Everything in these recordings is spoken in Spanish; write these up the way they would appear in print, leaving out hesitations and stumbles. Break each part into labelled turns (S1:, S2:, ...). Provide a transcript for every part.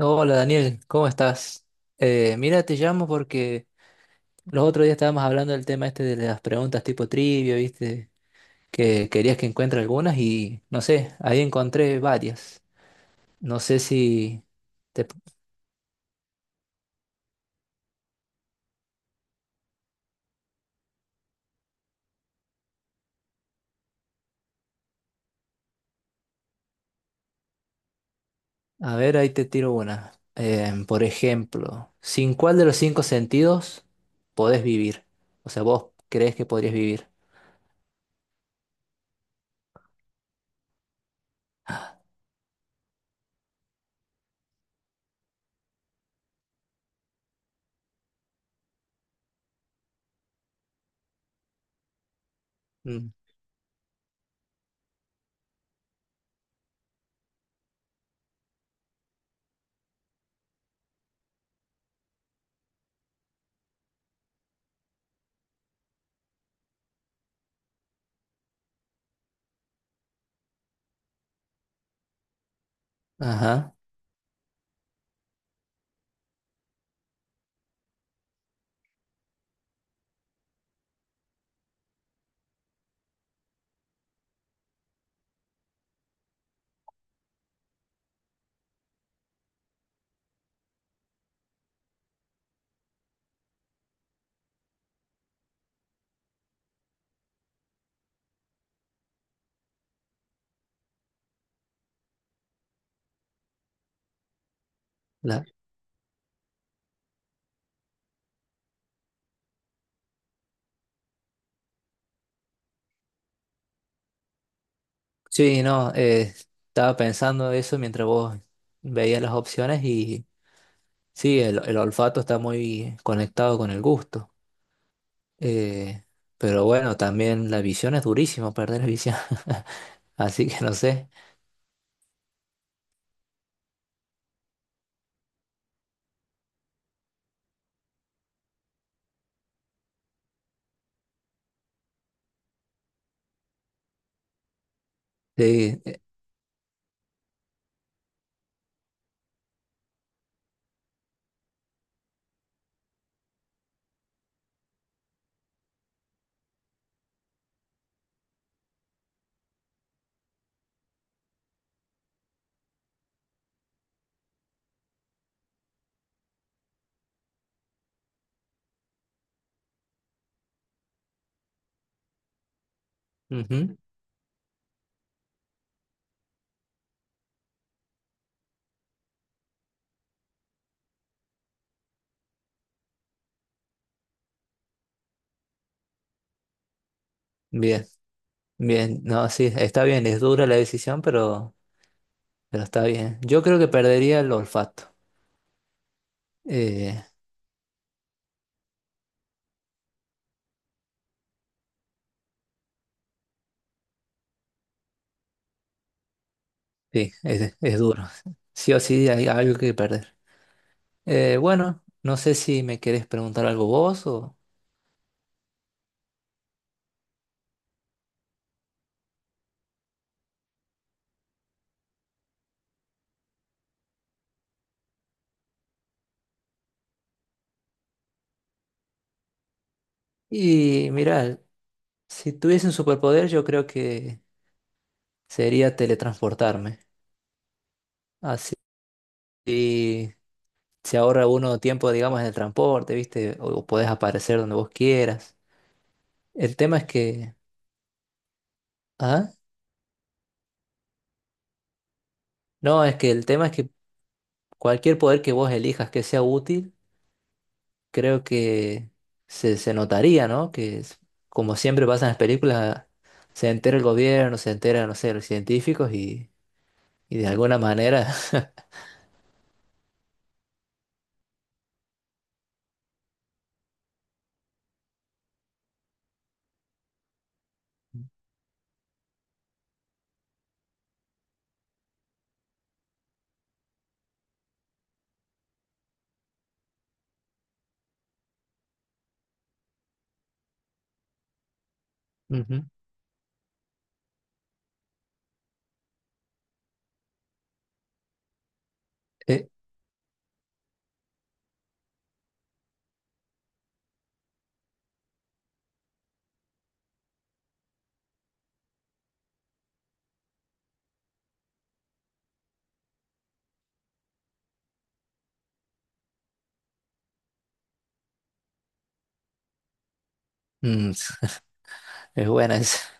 S1: Hola Daniel, ¿cómo estás? Mira, te llamo porque los otros días estábamos hablando del tema este de las preguntas tipo trivia, ¿viste? Que querías que encuentre algunas y no sé, ahí encontré varias. No sé si te... A ver, ahí te tiro una. Por ejemplo, ¿sin cuál de los cinco sentidos podés vivir? O sea, vos crees que podrías vivir. Mm. Ajá. La- Sí, no, estaba pensando eso mientras vos veías las opciones. Sí, el olfato está muy conectado con el gusto. Eh, pero bueno, también la visión es durísimo perder la visión. Así que no sé. Sí, ujú. Bien, bien. No, sí, está bien. Es dura la decisión, pero está bien. Yo creo que perdería el olfato. Eh, sí, es duro. Sí o sí hay algo que perder. Bueno, no sé si me querés preguntar algo vos o... Y mira, si tuviese un superpoder, yo creo que... sería teletransportarme. Así se ahorra uno tiempo, digamos, en el transporte, ¿viste? O podés aparecer donde vos quieras. El tema es que... ¿Ah? No, es que el tema es que cualquier poder que vos elijas que sea útil, creo que se notaría, ¿no? Que es- como siempre pasa en las películas, se entera el gobierno, se entera, no sé, los científicos y de alguna manera... Ujú. Eh, mm, es buena esa.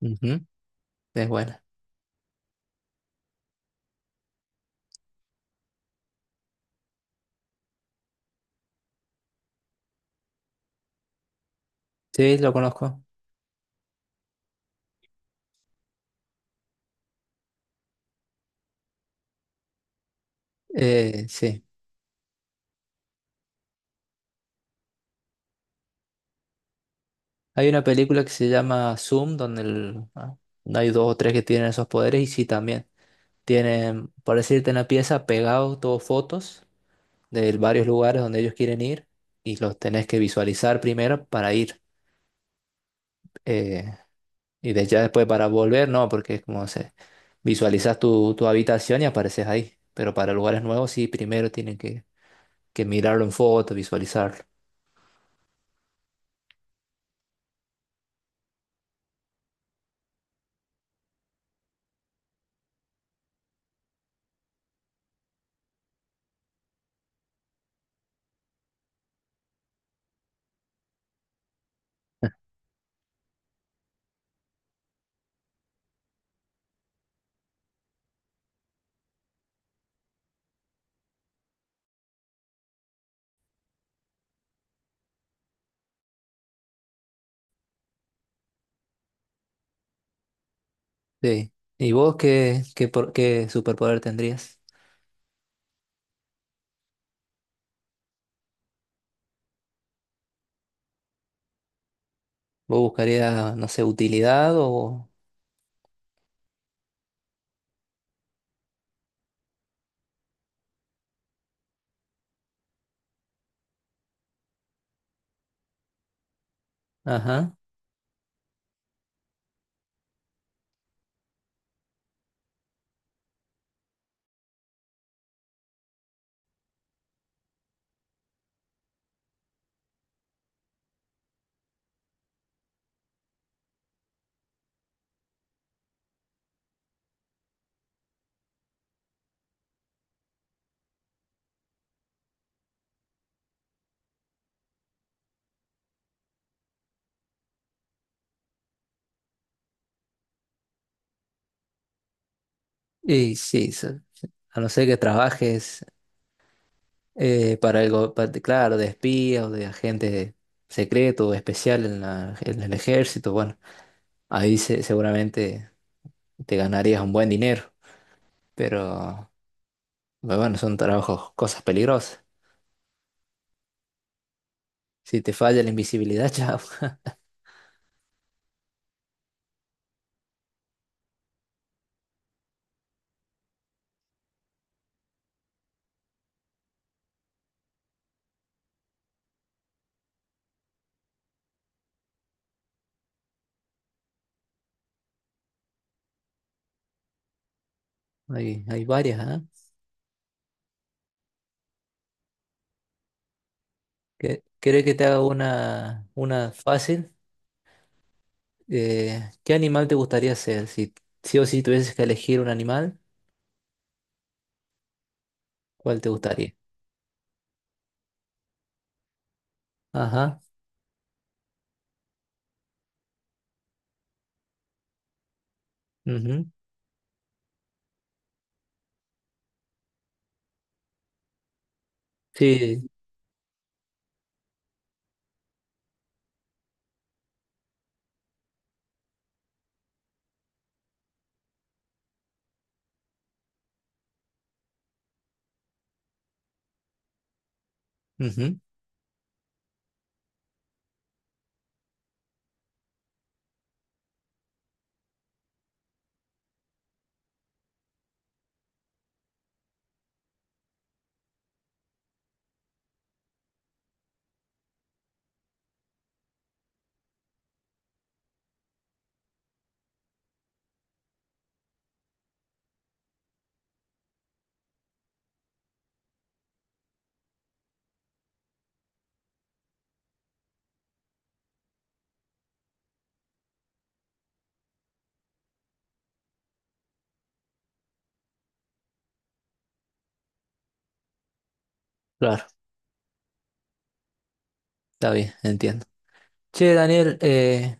S1: Ujú, es buena. Sí, lo conozco. Sí. Hay una película que se llama Zoom, donde el- ah, hay dos o tres que tienen esos poderes, y sí también. Tienen, por decirte, en la pieza pegado todos fotos de varios lugares donde ellos quieren ir, y los tenés que visualizar primero para ir. eh, y de ya después para volver, no, porque es como se visualizas tu habitación y apareces ahí. Pero para lugares nuevos sí, primero tienen que mirarlo en foto, visualizarlo. Sí. ¿Y vos qué, qué, por- qué superpoder tendrías? Vos buscarías, no sé, ¿utilidad o...? Ajá. Y sí, se- a no ser que trabajes para algo, pa- de- claro, de espía o de agente secreto o especial en la- en el ejército, bueno, ahí se- seguramente te ganarías un buen dinero, pero pero bueno, son trabajos, cosas peligrosas. Si te falla la invisibilidad, chao. Hay varias, ¿ah? ¿Qué- ¿Querés que te haga una fácil? ¿Qué animal te gustaría ser? Si sí o sí tuvieses que elegir un animal, ¿cuál te gustaría? Ajá. Ujú, sí. Ujú, claro, está bien, entiendo. Che, Daniel,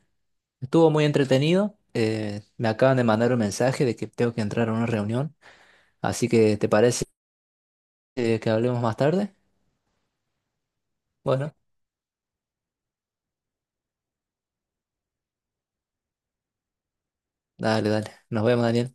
S1: estuvo muy entretenido. Me acaban de mandar un mensaje de que tengo que entrar a una reunión. Así que, ¿te parece que hablemos más tarde? Bueno, dale, dale. Nos vemos, Daniel.